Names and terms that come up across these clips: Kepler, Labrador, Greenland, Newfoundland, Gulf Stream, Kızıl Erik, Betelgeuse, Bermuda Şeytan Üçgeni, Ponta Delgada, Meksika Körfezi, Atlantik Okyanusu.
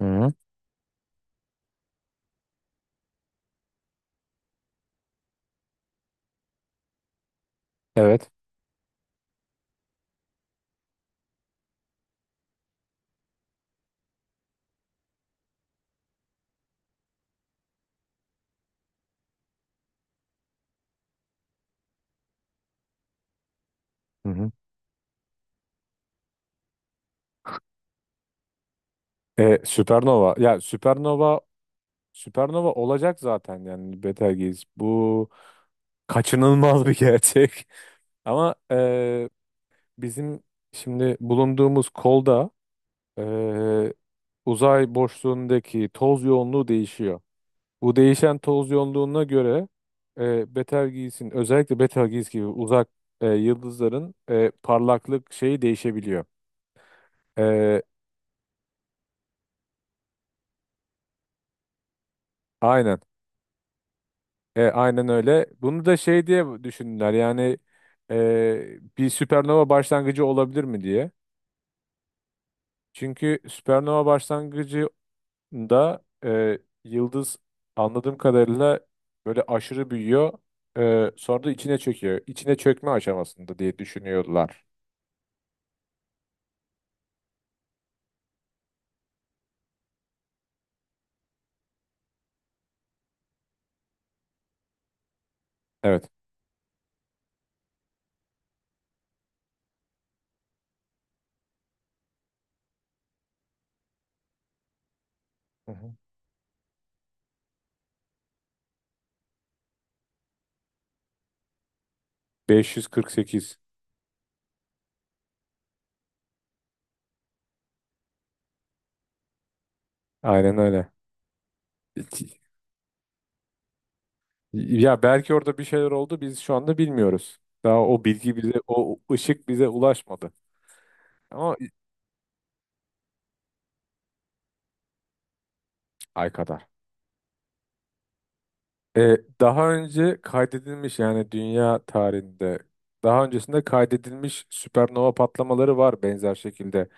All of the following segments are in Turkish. Hı hı. Evet. Hı hı. Süpernova. Ya Süpernova olacak zaten yani Betelgeuse. Bu kaçınılmaz bir gerçek. Ama bizim şimdi bulunduğumuz kolda e, uzay boşluğundaki toz yoğunluğu değişiyor. Bu değişen toz yoğunluğuna göre Betelgeuse'in özellikle Betelgeuse gibi uzak yıldızların parlaklık şeyi değişebiliyor. E, aynen. Aynen öyle. Bunu da şey diye düşündüler yani bir süpernova başlangıcı olabilir mi diye. Çünkü süpernova başlangıcında yıldız anladığım kadarıyla böyle aşırı büyüyor. Sonra da içine çöküyor. İçine çökme aşamasında diye düşünüyorlar. Evet. Hı hı. 548. Aynen öyle. İki- Ya belki orada bir şeyler oldu, biz şu anda bilmiyoruz. Daha o bilgi bize, o ışık bize ulaşmadı. Ama ay kadar. Daha önce kaydedilmiş yani dünya tarihinde daha öncesinde kaydedilmiş süpernova patlamaları var benzer şekilde.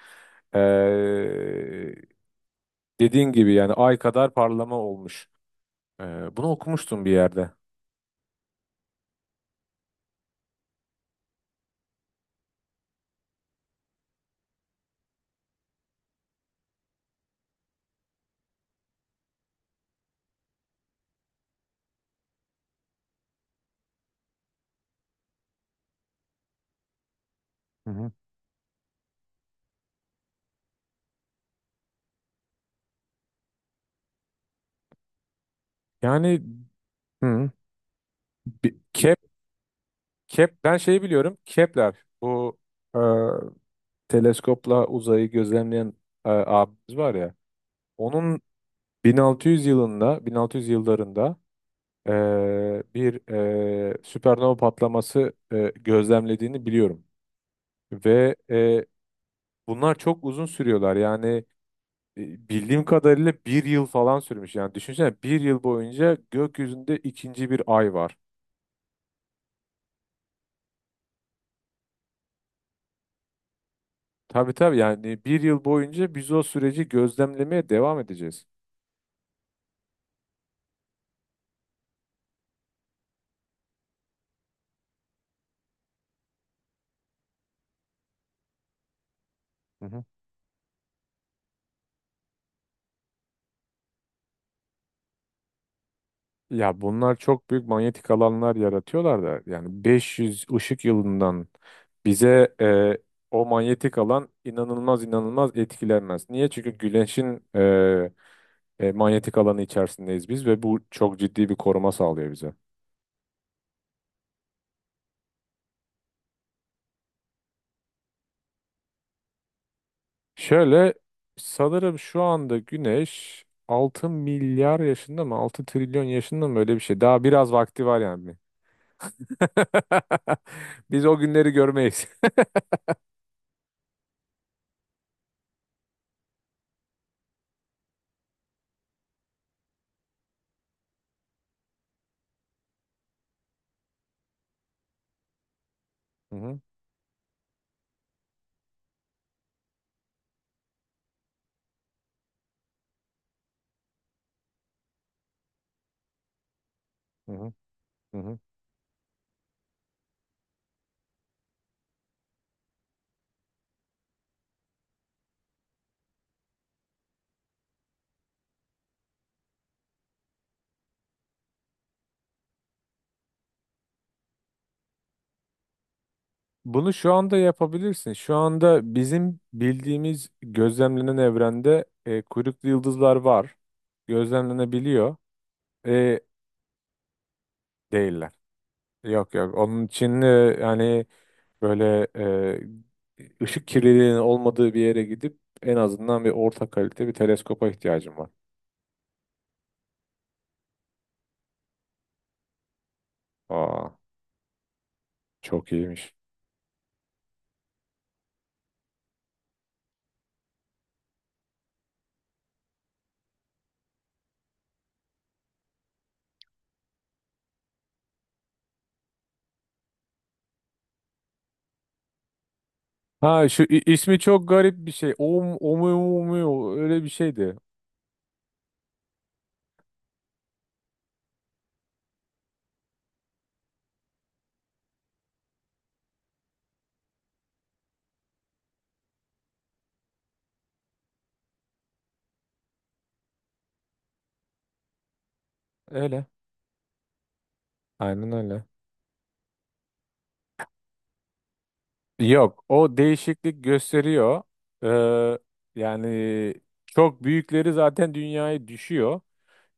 E, Dediğin gibi yani ay kadar parlama olmuş. E, Bunu okumuştum bir yerde. Hı hı. Yani. Hı. bi- Kep, Kep ben şeyi biliyorum. Kepler, bu e, teleskopla uzayı gözlemleyen abimiz var ya. Onun 1600 yılında 1600 yıllarında bir süpernova patlaması gözlemlediğini biliyorum. Ve bunlar çok uzun sürüyorlar. Yani bildiğim kadarıyla bir yıl falan sürmüş. Yani düşünsene, bir yıl boyunca gökyüzünde ikinci bir ay var. Tabii tabii, yani bir yıl boyunca biz o süreci gözlemlemeye devam edeceğiz. Ya bunlar çok büyük manyetik alanlar yaratıyorlar da yani 500 ışık yılından bize o manyetik alan inanılmaz inanılmaz etkilenmez. Niye? Çünkü Güneş'in manyetik alanı içerisindeyiz biz ve bu çok ciddi bir koruma sağlıyor bize. Şöyle, sanırım şu anda Güneş 6 milyar yaşında mı 6 trilyon yaşında mı, öyle bir şey. Daha biraz vakti var yani. Biz o günleri görmeyiz. Hı hı, hı hı, hı hı. Bunu şu anda yapabilirsin. Şu anda bizim bildiğimiz gözlemlenen evrende kuyruklu yıldızlar var. Gözlemlenebiliyor. E, Değiller. Yok yok. Onun için yani böyle ışık kirliliğinin olmadığı bir yere gidip en azından bir orta kalite bir teleskopa ihtiyacım var. Aa, çok iyiymiş. Ha, şu ismi çok garip bir şey. Om, omu, omu, öyle bir şeydi. Öyle. Aynen öyle. Yok, o değişiklik gösteriyor. Ee, yani çok büyükleri zaten dünyaya düşüyor.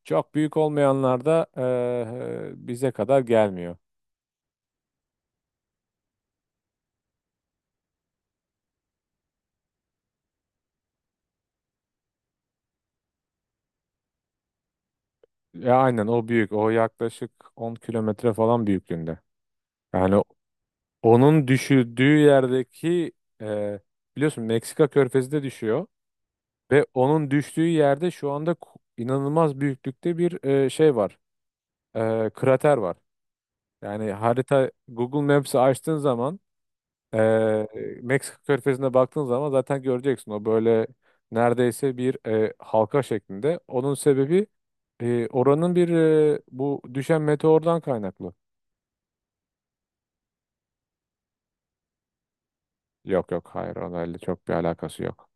Çok büyük olmayanlar da bize kadar gelmiyor. Ya aynen, o büyük. O yaklaşık 10 kilometre falan büyüklüğünde. Yani onun düşürdüğü yerdeki eee, biliyorsun, Meksika Körfezi de düşüyor ve onun düştüğü yerde şu anda inanılmaz büyüklükte bir şey var. Krater var. Yani harita, Google Maps'i açtığın zaman Ee, Meksika körfezine baktığın zaman zaten göreceksin, o böyle neredeyse bir halka şeklinde. Onun sebebi oranın bir bu düşen meteordan kaynaklı. Yok yok, hayır, onlarla çok bir alakası yok.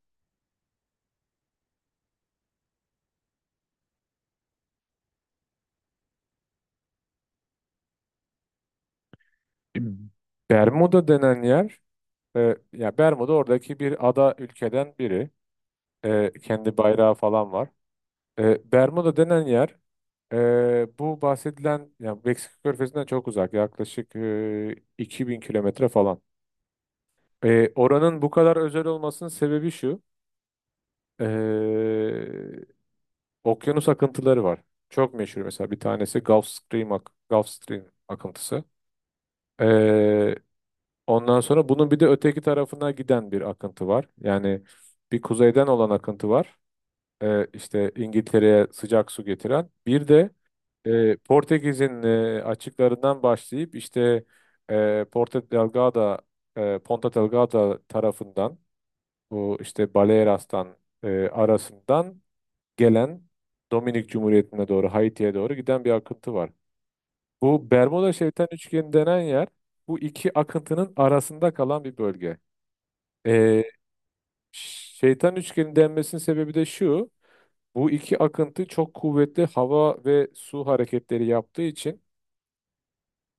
Bermuda denen yer ya Bermuda oradaki bir ada ülkeden biri. Kendi bayrağı falan var. Bermuda denen yer bu bahsedilen, ya Meksika körfezinden çok uzak, yaklaşık 2.000 kilometre falan. Oranın bu kadar özel olmasının sebebi şu. e, Okyanus akıntıları var. Çok meşhur mesela bir tanesi Gulf Stream, Gulf Stream akıntısı. E, Ondan sonra bunun bir de öteki tarafına giden bir akıntı var. Yani bir kuzeyden olan akıntı var. İşte İngiltere'ye sıcak su getiren. Bir de Portekiz'in açıklarından başlayıp işte Porto Delgado, Ponta Delgada tarafından, bu işte Baleares'tan arasından gelen, Dominik Cumhuriyeti'ne doğru Haiti'ye doğru giden bir akıntı var. Bu Bermuda Şeytan Üçgeni denen yer bu iki akıntının arasında kalan bir bölge. E, Şeytan Üçgeni denmesinin sebebi de şu. Bu iki akıntı çok kuvvetli hava ve su hareketleri yaptığı için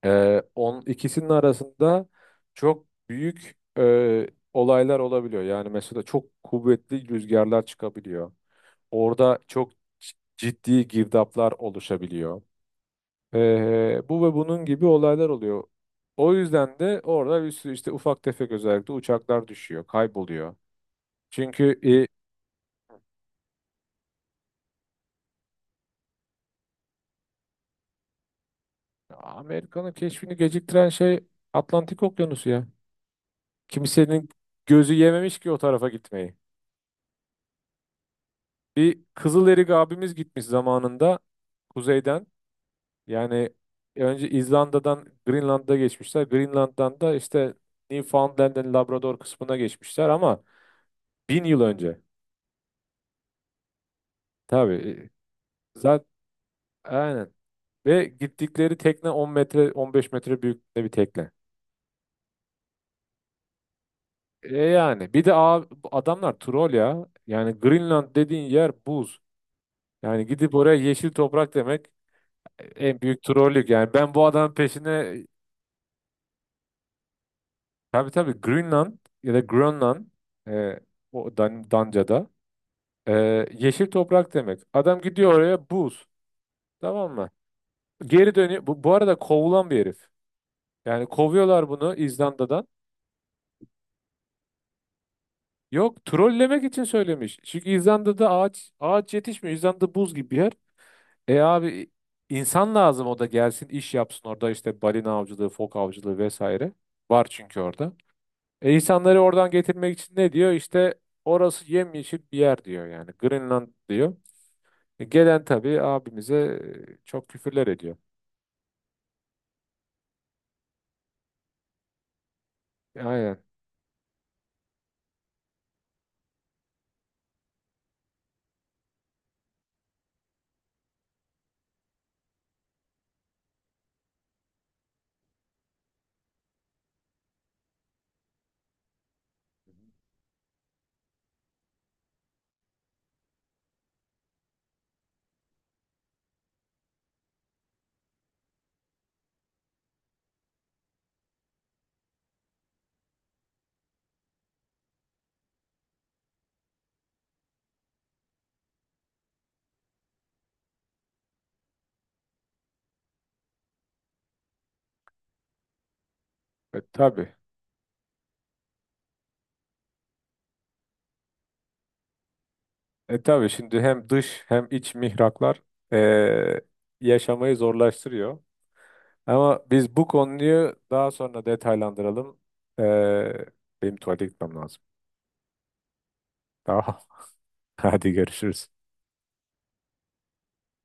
ikisinin arasında çok büyük olaylar olabiliyor. Yani mesela çok kuvvetli rüzgarlar çıkabiliyor. Orada çok ciddi girdaplar oluşabiliyor. Bu ve bunun gibi olaylar oluyor. O yüzden de orada bir sürü işte ufak tefek özellikle uçaklar düşüyor, kayboluyor. Çünkü Amerika'nın keşfini geciktiren şey Atlantik Okyanusu ya. Kimsenin gözü yememiş ki o tarafa gitmeyi. Bir Kızıl Erik abimiz gitmiş zamanında kuzeyden. Yani önce İzlanda'dan Greenland'a geçmişler. Greenland'dan da işte Newfoundland'ın Labrador kısmına geçmişler, ama bin yıl önce. Tabii. Zaten aynen. Ve gittikleri tekne 10 metre 15 metre büyüklüğünde bir tekne. Yani bir de adamlar troll ya. Yani Greenland dediğin yer buz. Yani gidip oraya yeşil toprak demek en büyük trollük. Yani ben bu adamın peşine. Tabii tabii, Greenland ya da Grönland e, o Danca'da. Yeşil toprak demek. Adam gidiyor, oraya buz. Tamam mı? Geri dönüyor. Bu arada kovulan bir herif. Yani kovuyorlar bunu İzlanda'dan. Yok, trollemek için söylemiş. Çünkü İzlanda'da ağaç ağaç yetişmiyor. İzlanda buz gibi bir yer. E abi, insan lazım, o da gelsin iş yapsın orada, işte balina avcılığı, fok avcılığı vesaire. Var çünkü orada. E insanları oradan getirmek için ne diyor? İşte orası yemyeşil bir yer diyor yani. Greenland diyor. Gelen tabii abimize çok küfürler ediyor. Aynen. Tabii. Tabii şimdi hem dış hem iç mihraklar e, yaşamayı zorlaştırıyor. Ama biz bu konuyu daha sonra detaylandıralım. E, Benim tuvalete gitmem lazım. Tamam. Hadi görüşürüz.